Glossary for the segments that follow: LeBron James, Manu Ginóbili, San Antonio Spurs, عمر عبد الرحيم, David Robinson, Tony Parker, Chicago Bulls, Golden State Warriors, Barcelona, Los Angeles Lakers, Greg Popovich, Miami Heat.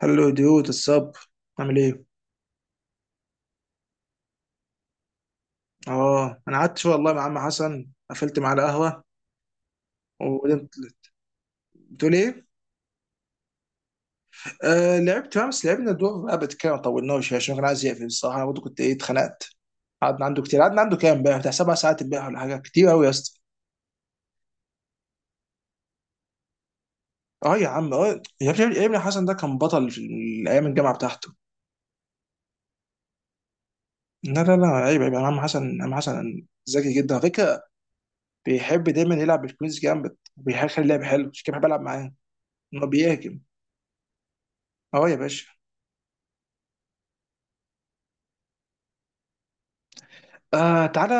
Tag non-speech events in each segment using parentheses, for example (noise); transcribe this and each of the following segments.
هلو ديوت الصب. عامل ايه؟ اه انا قعدت شويه والله مع عم حسن، قفلت معاه القهوه وقلت. بتقول ايه؟ آه لعبت بقى، بس لعبنا دور رابط كده ما طولناش عشان كان عايز يقفل الصراحه، انا برضه كنت اتخنقت. قعدنا عنده كتير، قعدنا عنده كام امبارح؟ بتاع 7 ساعات امبارح ولا حاجه، كتير قوي يا اسطى. اه يا عم، اه يا ابني، يا ابني حسن ده كان بطل في ايام الجامعه بتاعته. لا لا لا، عيب عيب يعني، عم حسن، عم حسن ذكي جدا على فكره. بيحب دايما يلعب بالكويز جامد وبيخلي اللعب حلو، عشان كده بحب العب معاه. إن هو بيهاجم. اه يا باشا. آه تعالى.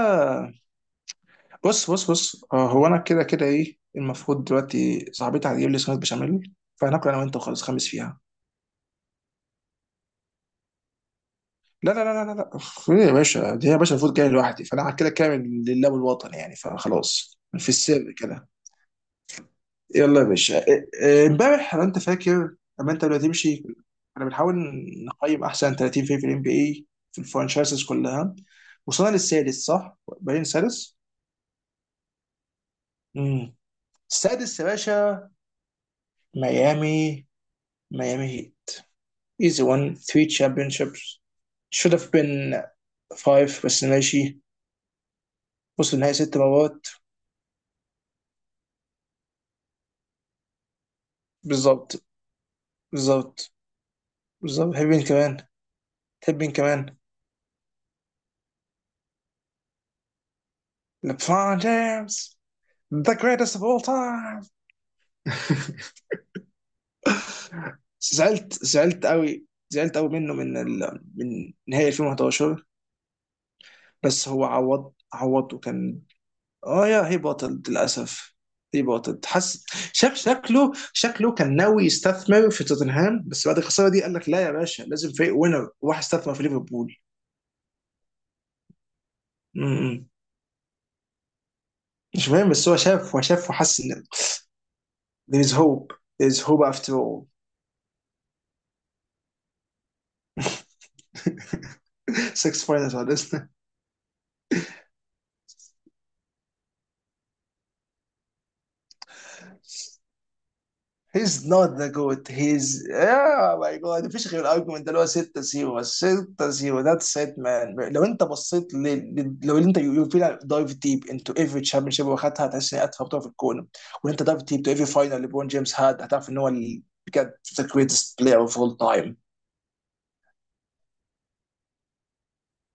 بص بص بص، هو انا كده كده ايه المفروض دلوقتي، صاحبتي هتجيب لي صينيه بشاميل فهناكل انا وانت وخلاص خمس فيها. لا لا لا لا لا، أخ، ايه يا باشا، دي يا باشا المفروض جاي لوحدي، فانا كده كامل لله والوطن يعني، فخلاص في السر كده. يلا يا باشا، إيه، امبارح لو انت فاكر لما انت بدأت تمشي. انا بنحاول نقيم احسن 30 فريق في الام بي اي، في الفرانشايزز كلها. وصلنا للسادس صح؟ باين سادس؟ امم السادس يا باشا. ميامي. Miami Heat, easy one three championships, should have been five. بس ماشي. وصلوا النهائي 6 مرات. بالظبط. بالظبط. بالظبط، تحب مين كمان؟ تحب مين كمان؟ لبرون جيمس، ذا greatest of all time. (laughs) (applause) زعلت، زعلت قوي، زعلت قوي منه، من من نهائي 2011. بس هو عوض، عوض وكان. اه يا هي بطل للاسف، هي بطل حس. شاف شكله كان ناوي يستثمر في توتنهام، بس بعد الخساره دي قال لك لا يا باشا، لازم فريق وينر، راح استثمر في ليفربول. امم مش فاهم، بس هو شاف وحس ان there is hope, there is hope after all. (laughs) six finals on this. هيز نوت ذا جوت، هيز يا ماي جاد. مفيش غير الارجيومنت اللي هو 6 0 6 0، ذاتس ات مان. لو انت بصيت لو انت، يو فيل دايف ديب انتو ايفري تشامبيون شيب واخدها، هتحس ان هي اتفه بطوله في الكون. وان انت دايف ديب تو ايفري فاينل ليبرون جيمس هاد، هتعرف ان هو بجد ذا جريتست بلاير اوف اول تايم.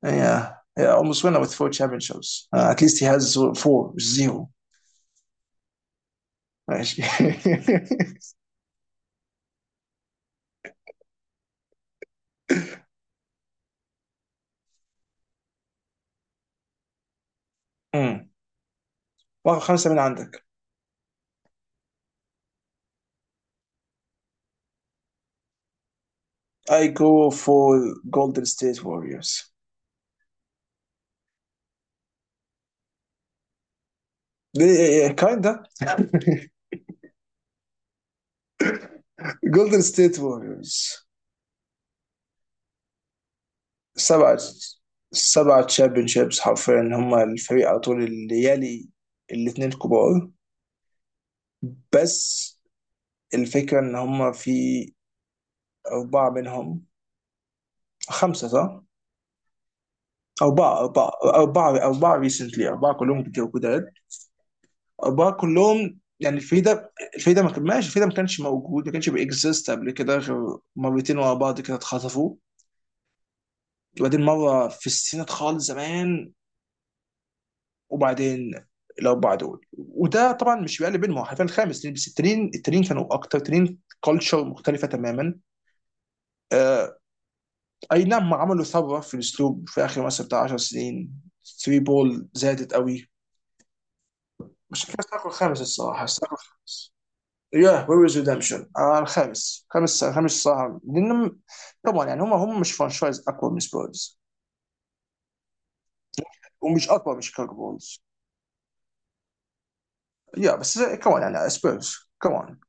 يا almost winner with four championships, at least he has four مش zero. ماشي. (laughs) امم واخد خمسه من عندك. I go for Golden State Warriors. إيه، إيه، كايندا. (laughs) جولدن ستيت ووريرز. (laughs) سبعة سبعة تشامبيون شيبس حرفيا، هم الفريق على طول اللي يلي الاثنين الكبار. بس الفكرة ان هم في أربعة منهم، خمسة صح؟ أربعة، أربعة، أربعة، أربعة ريسنتلي، أربعة كلهم جداد. أربعة كلهم يعني، الفريق ده، الفريق ده ما كان ماشي، الفريق ده ما كانش موجود، ما كانش بيكزيست قبل كده غير مرتين ورا بعض كده اتخطفوا. وبعدين مرة في السنة خالص زمان، وبعدين الاربعه دول. وده طبعا مش بيقلب بينهم، هو حرفيا الخامس لأن بس التنين، التنين كانوا اكتر، تنين كلتشر مختلفه تماما. آه، اي نعم، عملوا ثوره في الاسلوب في اخر مثلا بتاع 10 سنين. 3 بول زادت قوي. مش فاكر الساق الخامس الصراحه، الساق الخامس. يا وي ويز ريدمشن. آه الخامس، خامس خامس صراحه لان طبعا يعني، هم هم مش فرانشايز اقوى من سبيرز، ومش اقوى من شيكاغو بولز. يا بس كمان يعني سبيرز كمان.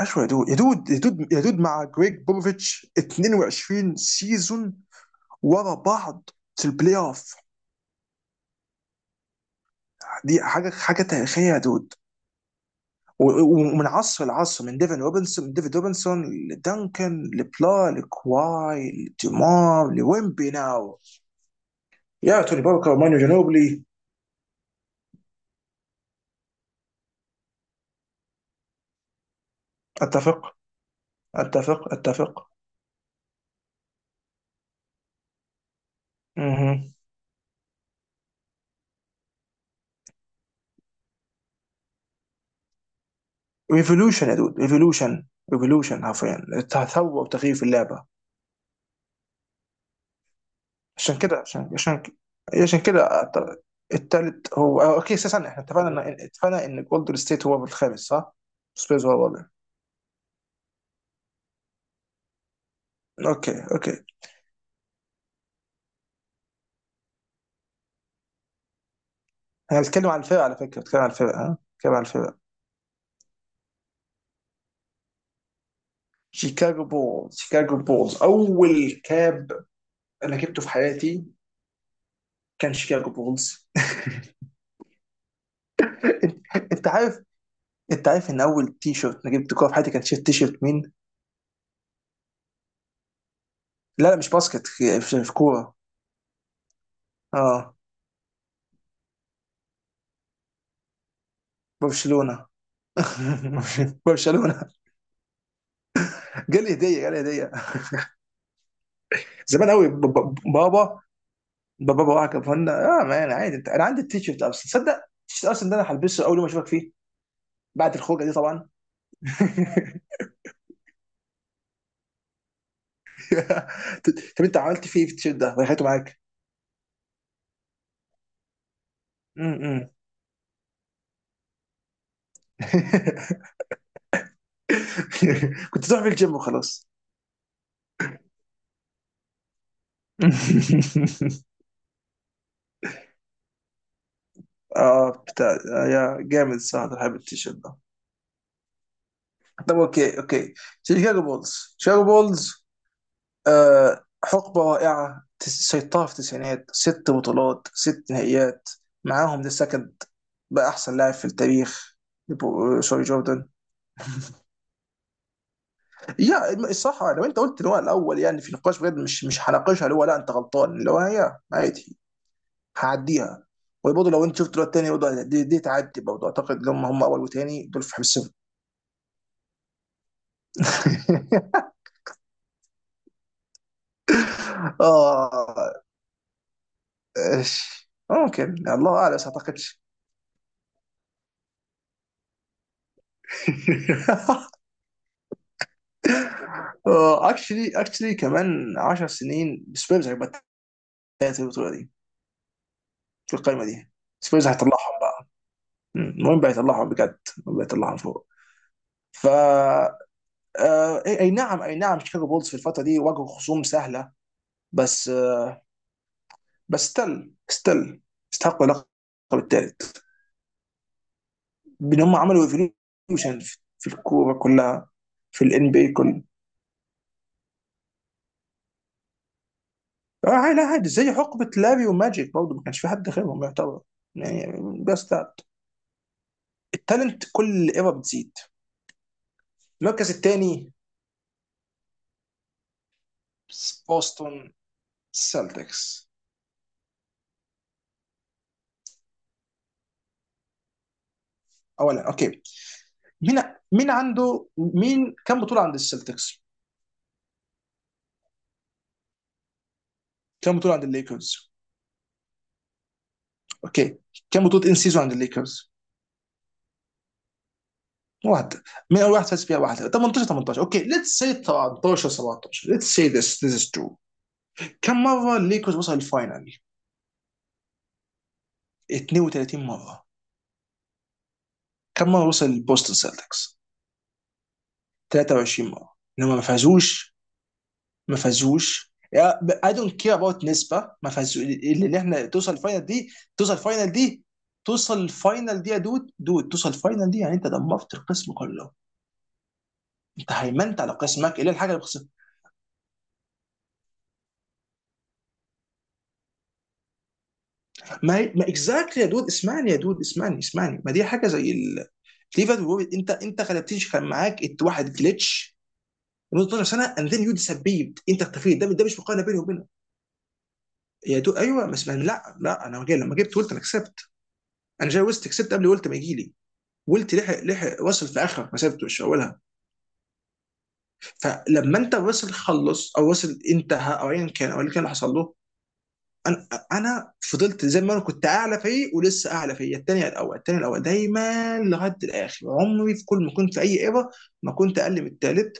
اشوى يا دود، يا دود، يا دود، يا دود، مع جريج بوبوفيتش 22 سيزون ورا بعض في البلاي اوف. دي حاجه، حاجه تاريخيه يا دود. ومن عصر لعصر، من ديفن روبنسون من ديفيد روبنسون، لدنكن، لبلا لكواي، لديمار، لويمبي ناو. يا توني باركر، مانو جنوبلي. اتفق، اتفق، اتفق. ريفولوشن يا دود، ريفولوشن. ريفولوشن حرفيا، تثور وتغيير في اللعبه. عشان كده عشان عشان عشان كده التالت هو، أو اوكي، اساسا احنا اتفقنا ان، جولدن ستيت هو الخامس صح؟ سبيرز هو الرابع. اوكي اوكي. انا بتكلم على الفرق على فكره، بتكلم على الفرق، ها، بتكلم على الفرق. شيكاغو بولز. شيكاغو بولز اول كاب انا جبته في حياتي كان شيكاغو بولز. (laughs) انت، أنت عارف، انت عارف ان اول تي شيرت انا جبت كوره في حياتي كان تي شيرت مين؟ لا لا مش باسكت، في في كوره. اه، برشلونه. (laughs) برشلونه. جالي هديه، جالي هديه. زمان قوي، بابا. بابا، بابا كان فن. اه مان عادي، انت، انا عندي التيشيرت اصلا، تصدق التيشيرت اصلا ده انا هلبسه اول يوم اشوفك فيه. بعد الخروجه دي طبعا. (laughs) طب انت عملت فيه إيه في التيشيرت ده وريحته معاك؟ م- م. (laughs) كنت تروح في الجيم وخلاص. (laughs) اه بتاع، آه، يا جامد صح، انا بحب التيشيرت ده. طب اوكي اوكي، شيكاغو بولز. شيكاغو بولز، آه حقبة رائعة، سيطرة في التسعينات، 6 بطولات، 6 نهائيات معاهم ذا سكند بقى أحسن لاعب في التاريخ، سوري، جوردن. يا الصراحة لو أنت قلت إن هو الأول يعني في نقاش بجد، مش، مش هناقشها، اللي هو لا أنت غلطان، اللي هو هي عادي، هعديها. وبرضه لو أنت شفت الواد التاني برضه، دي تعدي، برضه أعتقد إن هم، هم أول وتاني دول في حسابهم. (laughs) آه، إيش ممكن، الله أعلم بس ما أعتقدش. (laughs) آه، اكشلي كمان 10 سنين سبيرز هيبقى الثالث في البطوله دي، في القائمه دي. سبيرز هيطلعهم بقى. المهم بقى يطلعهم بجد، بقى يطلعهم فوق. ف آه، أي نعم، اي نعم، شيكاغو بولز في الفتره دي واجهوا خصوم سهله. بس آه، بس ستيل، ستيل استحقوا اللقب الثالث بان هم عملوا ايفولوشن في في الكوره كلها، في الان بي كله. آه لا عادي، زي حقبه لاري وماجيك برضه ما كانش في حد غيرهم يعتبر يعني. بس ده التالنت كل ايرا بتزيد. المركز الثاني، بوسطن سيلتكس. اولا اوكي، مين مين عنده مين كم بطوله عند السلتكس؟ كم بطوله عند الليكرز؟ اوكي، كم بطوله ان سيزون عند الليكرز؟ واحده، من اول واحد فاز فيها واحده، 18، 18، اوكي ليتس سي، 13، 17، ليتس سي ذس، ذس از ترو. كم مره الليكرز وصل الفاينل؟ 32 مره. كم مره وصل البوستن سيلتكس؟ 23 مره لما ما فازوش. ما فازوش، اي دونت كير اباوت نسبه ما فازوش، اللي، اللي احنا توصل الفاينل دي. توصل الفاينل دي، توصل الفاينل دي يا دود، دود توصل الفاينل دي يعني، انت دمرت القسم كله، انت هيمنت على قسمك الا الحاجه اللي بخسرها. ما هي، ما اكزاكتلي يا دود، اسمعني يا دود، اسمعني، اسمعني. ما دي حاجه زي ال ليفربول وورد. انت، انت غلبتنيش، كان معاك واحد جلitch لمده 12 سنه، اند ذن يو ديسبيبد، انت اختفيت. ده، ده مش مقارنه بيني وبينك. يا دود، ايوه بس لا لا انا جاي لما جبت قلت انا كسبت. انا جاي وسط كسبت قبل قلت ما يجي لي ولت، لحق، لحق راسل في اخر مسيرته مش في اولها. فلما انت راسل خلص، او راسل انتهى، او ايا كان، او اللي كان، اللي حصل له، انا، انا فضلت زي ما انا كنت اعلى فريق، ولسه اعلى فريق، الثاني الاول، الثاني الاول دايما لغايه الاخر، عمري في كل ما كنت في اي ايرا ما كنت اقل من الثالث.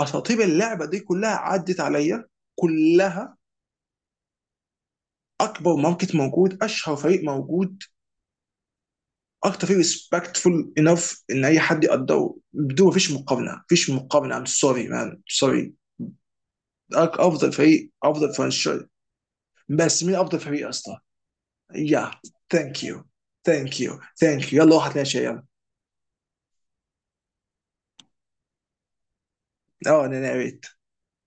اساطير اللعبه دي كلها عدت عليا، كلها. اكبر ماركت موجود، اشهر فريق موجود، اكتر فريق ريسبكتفول انف ان اي حد يقدره بدون، مفيش مقارنه، مفيش مقارنه. ام سوري مان، سوري، افضل فريق، افضل فرنشايز. بس مين افضل فريق يا اسطى؟ يا، ثانك يو، ثانك يو، ثانك يو، يلا واحد ماشي يلا. اه انا ناريت.